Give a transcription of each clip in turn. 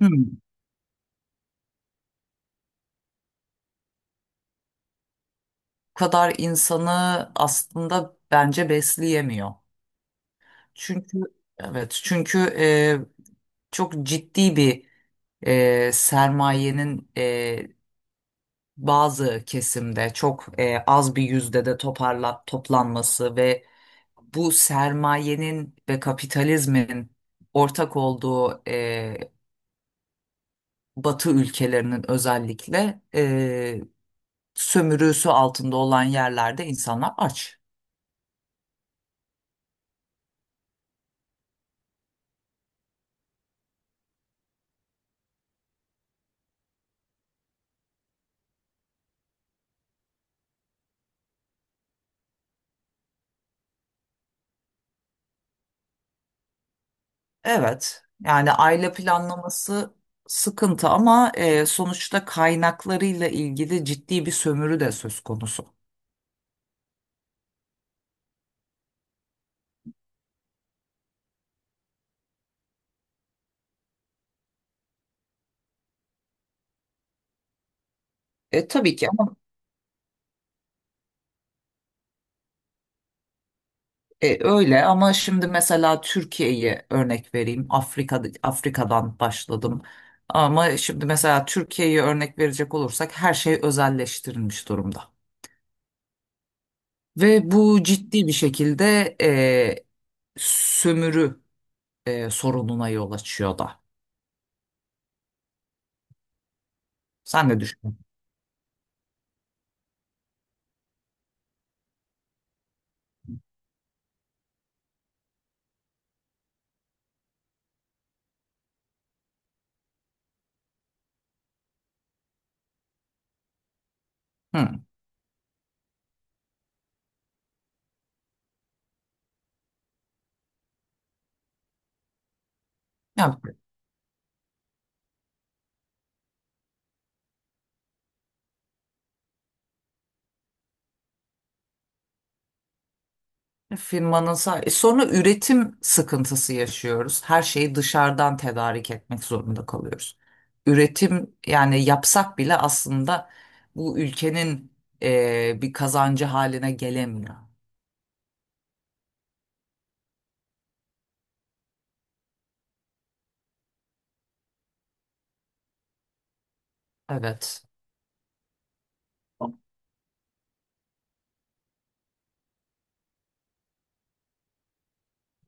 Hmm. Bu kadar insanı aslında bence besleyemiyor. Çünkü evet çünkü çok ciddi bir sermayenin bazı kesimde çok az bir yüzde de toplanması ve bu sermayenin ve kapitalizmin ortak olduğu Batı ülkelerinin özellikle sömürüsü altında olan yerlerde insanlar aç. Evet, yani aile planlaması sıkıntı ama sonuçta kaynaklarıyla ilgili ciddi bir sömürü de söz konusu. Tabii ki ama öyle ama şimdi mesela Türkiye'yi örnek vereyim. Afrika'dan başladım. Ama şimdi mesela Türkiye'yi örnek verecek olursak her şey özelleştirilmiş durumda. Ve bu ciddi bir şekilde sömürü sorununa yol açıyor da. Sen ne düşünüyorsun? Hı. Ya sonra üretim sıkıntısı yaşıyoruz. Her şeyi dışarıdan tedarik etmek zorunda kalıyoruz. Üretim yani yapsak bile aslında bu ülkenin bir kazancı haline gelemiyor. Evet.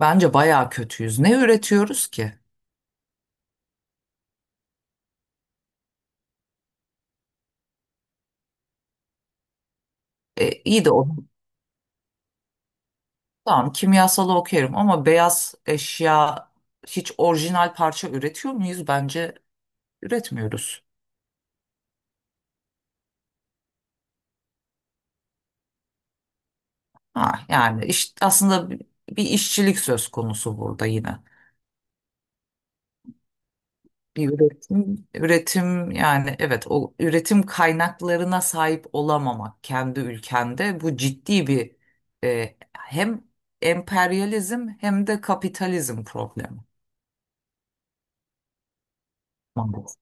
Bence bayağı kötüyüz. Ne üretiyoruz ki? İyi de o. Tamam kimyasalı okuyorum ama beyaz eşya hiç orijinal parça üretiyor muyuz? Bence üretmiyoruz. Ha, yani aslında bir işçilik söz konusu burada yine. Bir üretim yani evet o üretim kaynaklarına sahip olamamak kendi ülkende bu ciddi bir hem emperyalizm hem de kapitalizm problemi. Maalesef.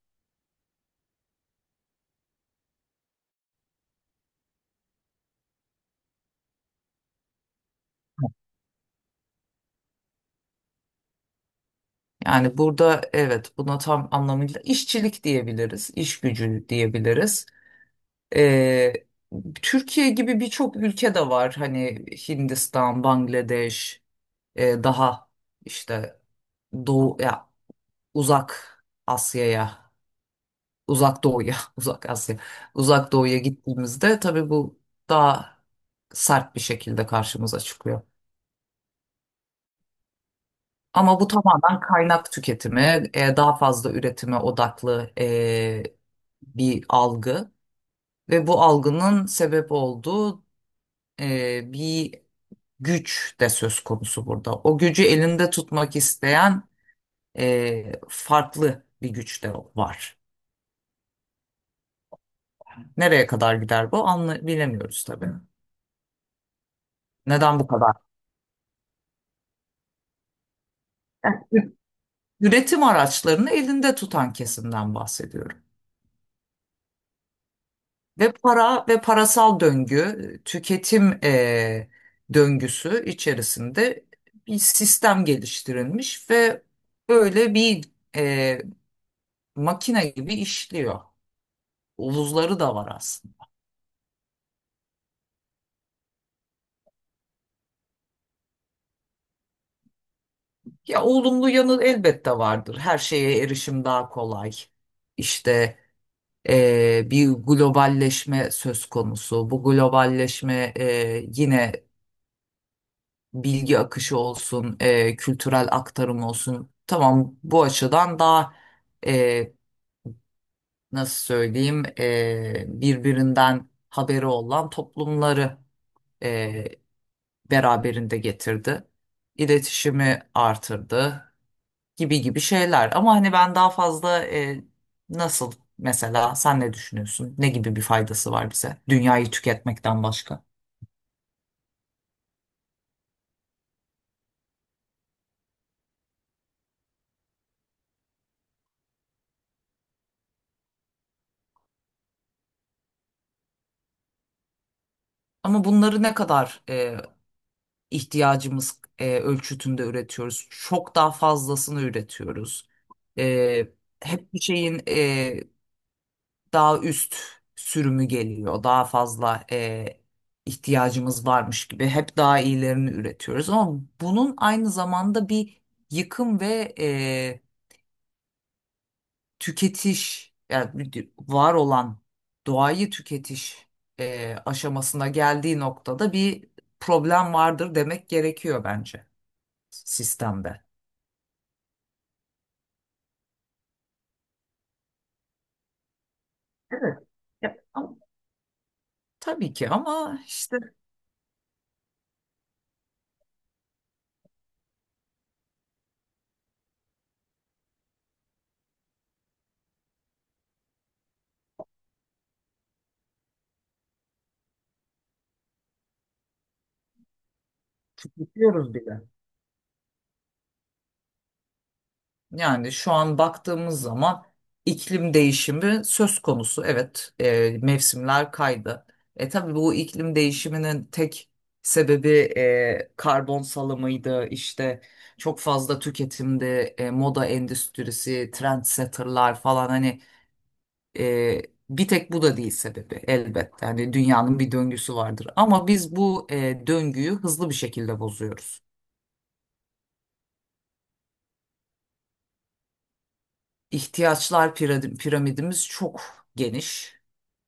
Yani burada evet buna tam anlamıyla işçilik diyebiliriz, iş gücü diyebiliriz. E, Türkiye gibi birçok ülke de var hani Hindistan, Bangladeş. Daha işte doğu ya uzak Asya'ya, uzak doğuya, uzak Asya, uzak doğuya gittiğimizde tabii bu daha sert bir şekilde karşımıza çıkıyor. Ama bu tamamen kaynak tüketimi, daha fazla üretime odaklı bir algı ve bu algının sebep olduğu bir güç de söz konusu burada. O gücü elinde tutmak isteyen farklı bir güç de var. Nereye kadar gider bu anla bilemiyoruz tabii. Neden bu kadar? Üretim araçlarını elinde tutan kesimden bahsediyorum. Ve para ve parasal döngü, tüketim döngüsü içerisinde bir sistem geliştirilmiş ve böyle bir eee, makine gibi işliyor. Uluzları da var aslında. Ya olumlu yanı elbette vardır. Her şeye erişim daha kolay. İşte bir globalleşme söz konusu. Bu globalleşme yine bilgi akışı olsun, kültürel aktarım olsun. Tamam, bu açıdan daha e, nasıl söyleyeyim birbirinden haberi olan toplumları e, beraberinde getirdi. İletişimi artırdı. Gibi gibi şeyler. Ama hani ben daha fazla nasıl mesela sen ne düşünüyorsun? Ne gibi bir faydası var bize? Dünyayı tüketmekten başka. Ama bunları ne kadar ihtiyacımız ölçütünde üretiyoruz? Çok daha fazlasını üretiyoruz. E, Hep bir şeyin daha üst sürümü geliyor. Daha fazla ihtiyacımız varmış gibi hep daha iyilerini üretiyoruz. Ama bunun aynı zamanda bir yıkım ve tüketiş yani var olan doğayı tüketiş aşamasına geldiği noktada bir problem vardır demek gerekiyor bence sistemde. Evet. Ya, ama tabii ki ama işte tüketiyoruz bile. Yani şu an baktığımız zaman iklim değişimi söz konusu. Evet, mevsimler kaydı. E tabii bu iklim değişiminin tek sebebi karbon salımıydı. İşte çok fazla tüketimdi, moda endüstrisi, trendsetterlar falan hani e, bir tek bu da değil sebebi elbette. Yani dünyanın bir döngüsü vardır. Ama biz bu döngüyü hızlı bir şekilde bozuyoruz. İhtiyaçlar piramidimiz çok geniş.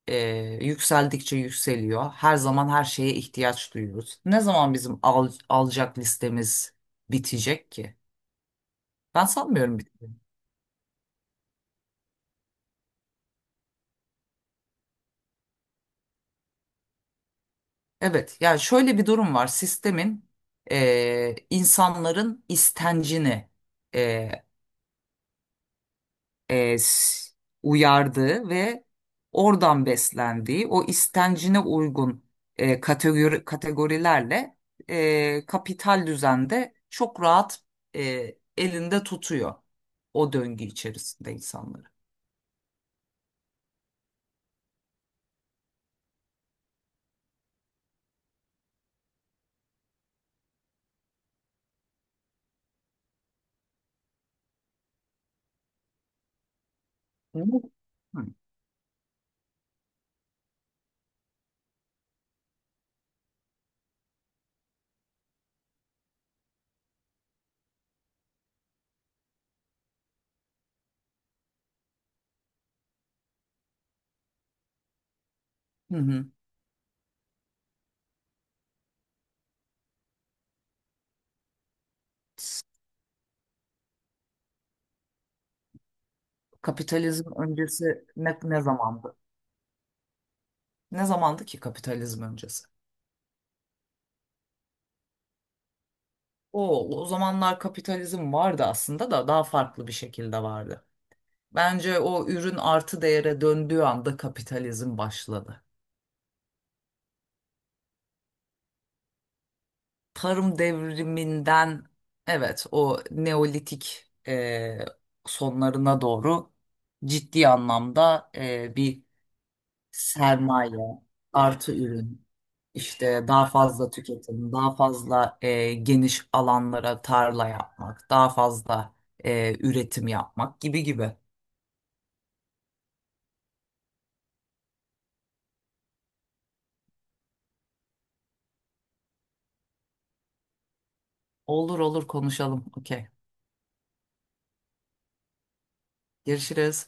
e, Yükseldikçe yükseliyor. Her zaman her şeye ihtiyaç duyuyoruz. Ne zaman bizim alacak listemiz bitecek ki? Ben sanmıyorum biteceğini. Evet, yani şöyle bir durum var. Sistemin insanların istencini e, e, s- uyardığı ve oradan beslendiği o istencine uygun kategorilerle kapital düzende çok rahat elinde tutuyor o döngü içerisinde insanları. Hı. Hı. Hı hı. Kapitalizm öncesi ne zamandı? Ne zamandı ki kapitalizm öncesi? O zamanlar kapitalizm vardı aslında da daha farklı bir şekilde vardı. Bence o ürün artı değere döndüğü anda kapitalizm başladı. Tarım devriminden evet o Neolitik sonlarına doğru ciddi anlamda bir sermaye artı ürün işte daha fazla tüketim daha fazla geniş alanlara tarla yapmak daha fazla üretim yapmak gibi gibi. Olur olur konuşalım. Okey. Görüşürüz.